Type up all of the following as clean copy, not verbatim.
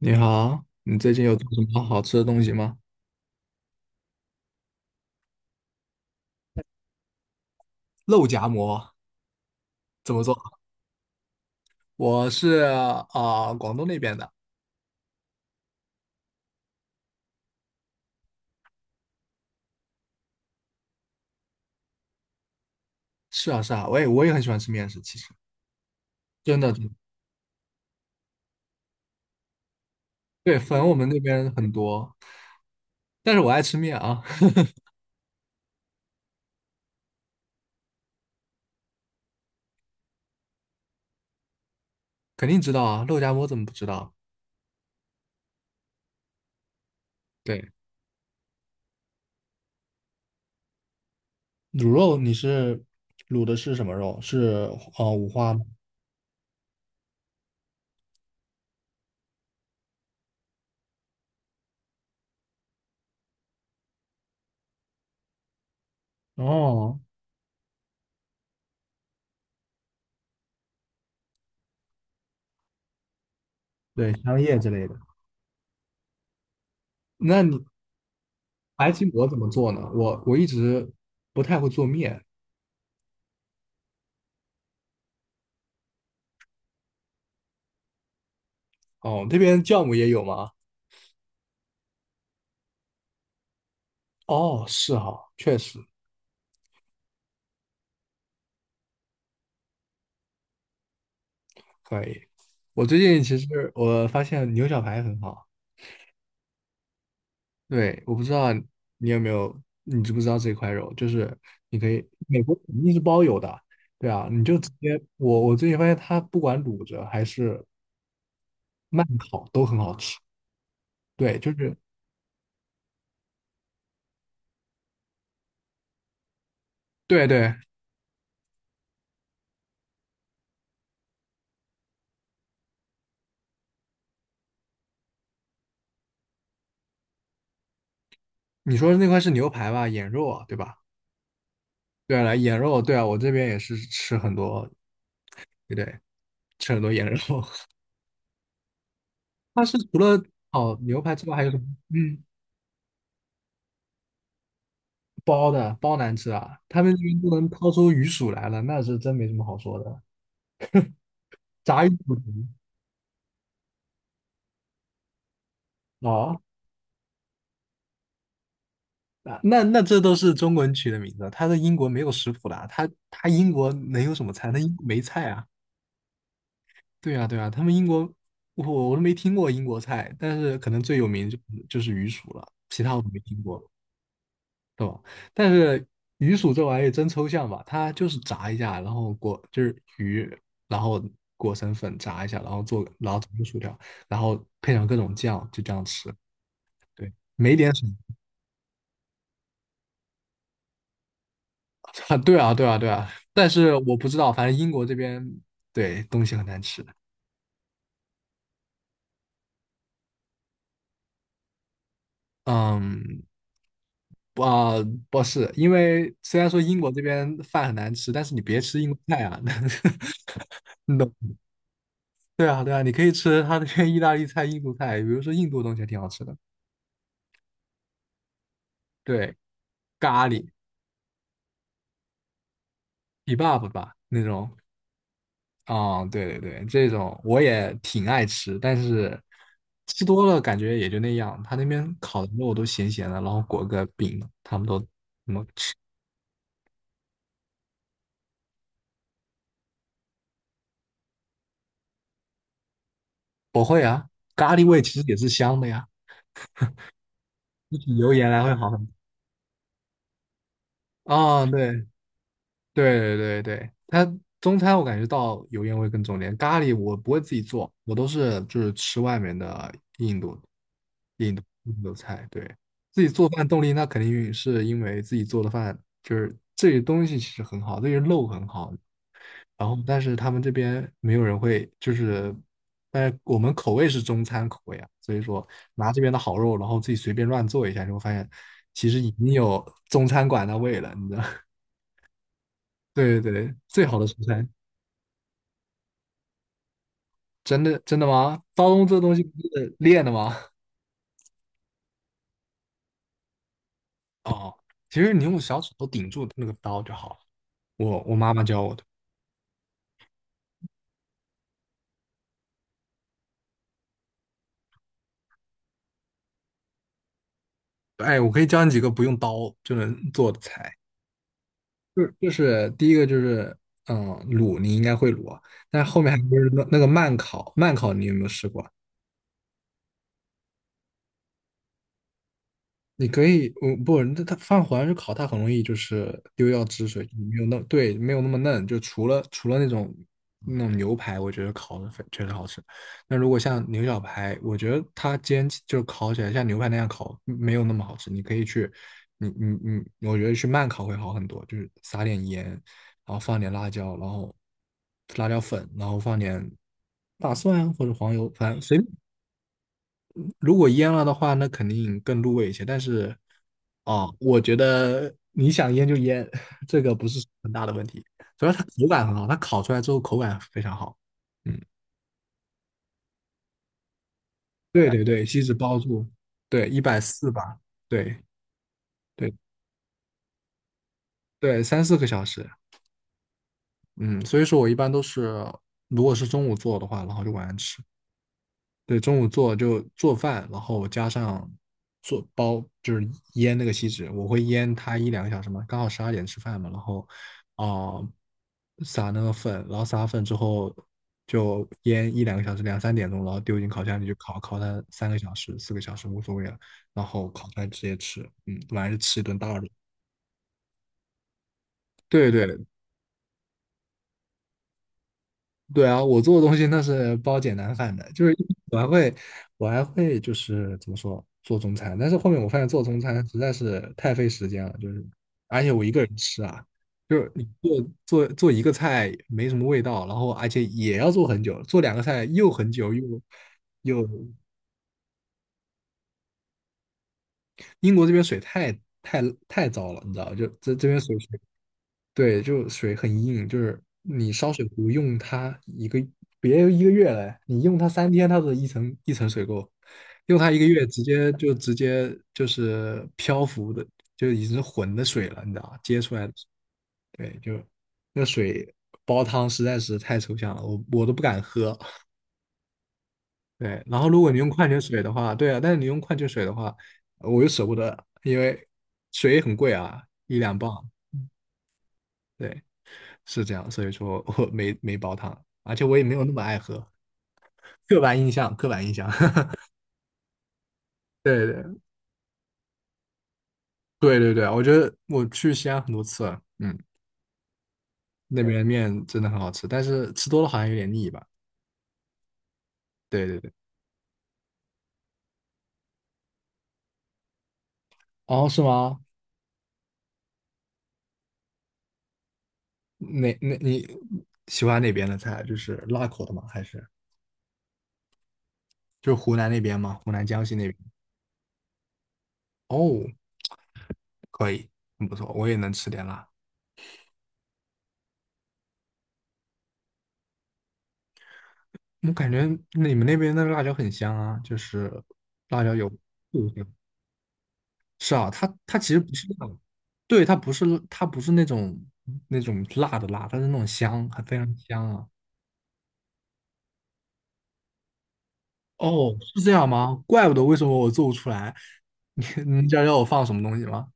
你好，你最近有做什么好吃的东西吗？肉夹馍怎么做？我是广东那边的。是啊，是啊，我也很喜欢吃面食，其实真的，真的。对，粉我们那边很多，但是我爱吃面啊。肯定知道啊，肉夹馍怎么不知道？对，卤肉你是卤的是什么肉？是五花吗？哦，对，香叶之类的。那你白吉馍怎么做呢？我一直不太会做面。哦，这边酵母也有吗？哦，是哈，确实可以。我最近其实我发现牛小排很好，对，我不知道你有没有，你知不知道这块肉？就是你可以，美国肯定是包邮的，对啊，你就直接，我最近发现它不管卤着还是慢烤都很好吃，对，就是对对，你说的那块是牛排吧，眼肉啊，对吧？对了，眼肉，对啊，我这边也是吃很多，对对，吃很多眼肉。它是除了烤牛排之外还有什么？嗯。包的包难吃啊，他们这边都能掏出鱼薯来了，那是真没什么好说的。炸鱼薯条。哦，啊，那那这都是中国人取的名字，他在英国没有食谱的啊，他英国能有什么菜？他英国没菜啊。对啊，对啊，他们英国我都没听过英国菜，但是可能最有名就就是鱼薯了，其他我都没听过。对吧？但是鱼薯这玩意真抽象吧，它就是炸一下，然后裹就是鱼，然后裹成粉炸一下，然后做成薯条，然后配上各种酱，就这样吃。对，没点水。 啊，对啊，对啊，对啊。但是我不知道，反正英国这边对东西很难吃。嗯，不啊，不是，因为虽然说英国这边饭很难吃，但是你别吃英国菜啊，你懂？对啊，对啊，你可以吃他那边意大利菜、印度菜，比如说印度的东西还挺好吃的。对，咖喱 kebab 吧那种，啊、对对对，这种我也挺爱吃，但是吃多了感觉也就那样。他那边烤的肉都咸咸的，然后裹个饼，他们都不会啊。咖喱味其实也是香的呀，比起油盐来会好很多。对，对对对，它中餐我感觉到油烟味更重点，咖喱我不会自己做，我都是就是吃外面的印度印度印度菜。对，自己做饭动力那肯定是因为自己做的饭就是这些东西其实很好，这些肉很好，然后但是他们这边没有人会就是，但是我们口味是中餐口味啊，所以说拿这边的好肉，然后自己随便乱做一下，就会发现其实已经有中餐馆的味了，你知道。对对对，最好的食材。真的真的吗？刀工这东西不是练的吗？哦，其实你用小指头顶住那个刀就好了。我妈妈教我的。哎，我可以教你几个不用刀就能做的菜。第一个就是嗯卤，你应该会卤啊。但是后面还不是那那个慢烤，慢烤你有没有试过？你可以，嗯，不，那它放火上去烤，它很容易就是丢掉汁水，没有那，对，没有那么嫩。就除了那种牛排，我觉得烤的确实好吃。那如果像牛小排，我觉得它煎起就烤起来像牛排那样烤，没有那么好吃。你可以去，你你你，我觉得去慢烤会好很多，就是撒点盐，然后放点辣椒，然后辣椒粉，然后放点大蒜啊或者黄油，反正随便如果腌了的话，那肯定更入味一些。但是，哦，我觉得你想腌就腌，这个不是很大的问题。主要它口感很好，它烤出来之后口感非常好。嗯，对对对，锡纸包住，对，一百四吧，对对对，三四个小时。嗯，所以说我一般都是，如果是中午做的话，然后就晚上吃。对，中午做就做饭，然后加上做包，就是腌那个锡纸，我会腌它一两个小时嘛，刚好十二点吃饭嘛，然后啊、呃撒那个粉，然后撒了粉之后就腌一两个小时，两三点钟，然后丢进烤箱里去烤，烤它三个小时、四个小时无所谓了，然后烤出来直接吃，嗯，晚上就吃一顿大的。对对，对啊，我做的东西那是包简单饭的，就是我还会，我还会就是怎么说做中餐，但是后面我发现做中餐实在是太费时间了，就是而且我一个人吃啊，就是你做一个菜没什么味道，然后而且也要做很久，做两个菜又很久又又英国这边水太太糟了，你知道，就这这边水对，就水很硬，就是你烧水壶用它一个，别一个月嘞，你用它三天，它的一层一层水垢，用它一个月，直接就是漂浮的，就已经是浑的水了，你知道吧？接出来的水对，就那水煲汤实在是太抽象了，我都不敢喝。对，然后如果你用矿泉水的话，对啊，但是你用矿泉水的话，我又舍不得，因为水也很贵啊，一两磅。对，是这样，所以说我没煲汤，而且我也没有那么爱喝。刻板印象，刻板印象，对对对对对，我觉得我去西安很多次了，嗯，那边的面真的很好吃，但是吃多了好像有点腻吧？对对对，哦，是吗？那那你喜欢哪边的菜？就是辣口的吗？还是就是湖南那边吗？湖南江西那边？哦，可以，很不错，我也能吃点辣。我感觉你们那边的辣椒很香啊，就是辣椒有。嗯是啊，它其实不是辣的，对，它不是那种辣的辣，它是那种香，还非常香啊。哦，是这样吗？怪不得为什么我做不出来。你知道要我放什么东西吗？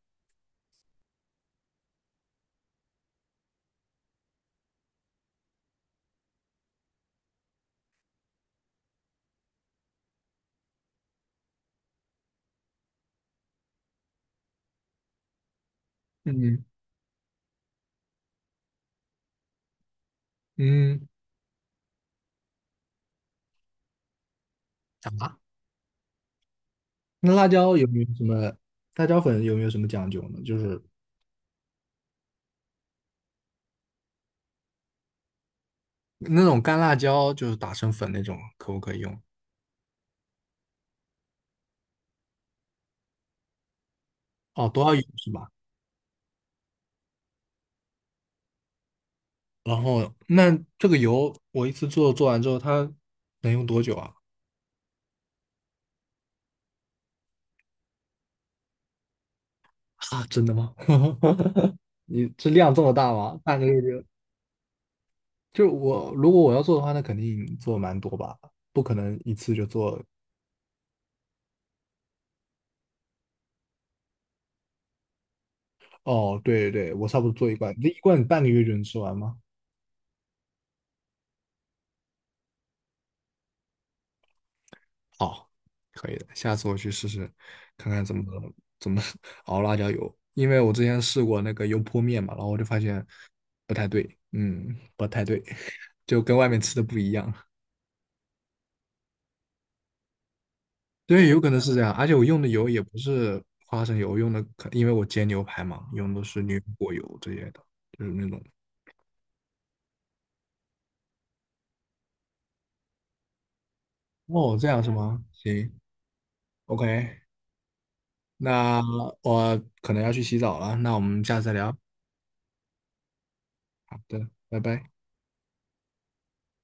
嗯嗯啊，那辣椒有没有什么辣椒粉有没有什么讲究呢？就是那种干辣椒，就是打成粉那种，可不可以用？哦，多少油是吧？然后那这个油我一次完之后，它能用多久啊？啊，真的吗？你这量这么大吗？半个月就就是我如果我要做的话，那肯定做蛮多吧，不可能一次就做。哦，对对对，我差不多做一罐，那一罐半个月就能吃完吗？好，可以的，下次我去试试，看看怎么 熬辣椒油，因为我之前试过那个油泼面嘛，然后我就发现不太对，嗯，不太对，就跟外面吃的不一样。对，有可能是这样，而且我用的油也不是花生油，我用的可因为我煎牛排嘛，用的是牛油果油这些的，就是那种。哦，这样是吗？行，OK，那我可能要去洗澡了，那我们下次再聊。好的，拜拜。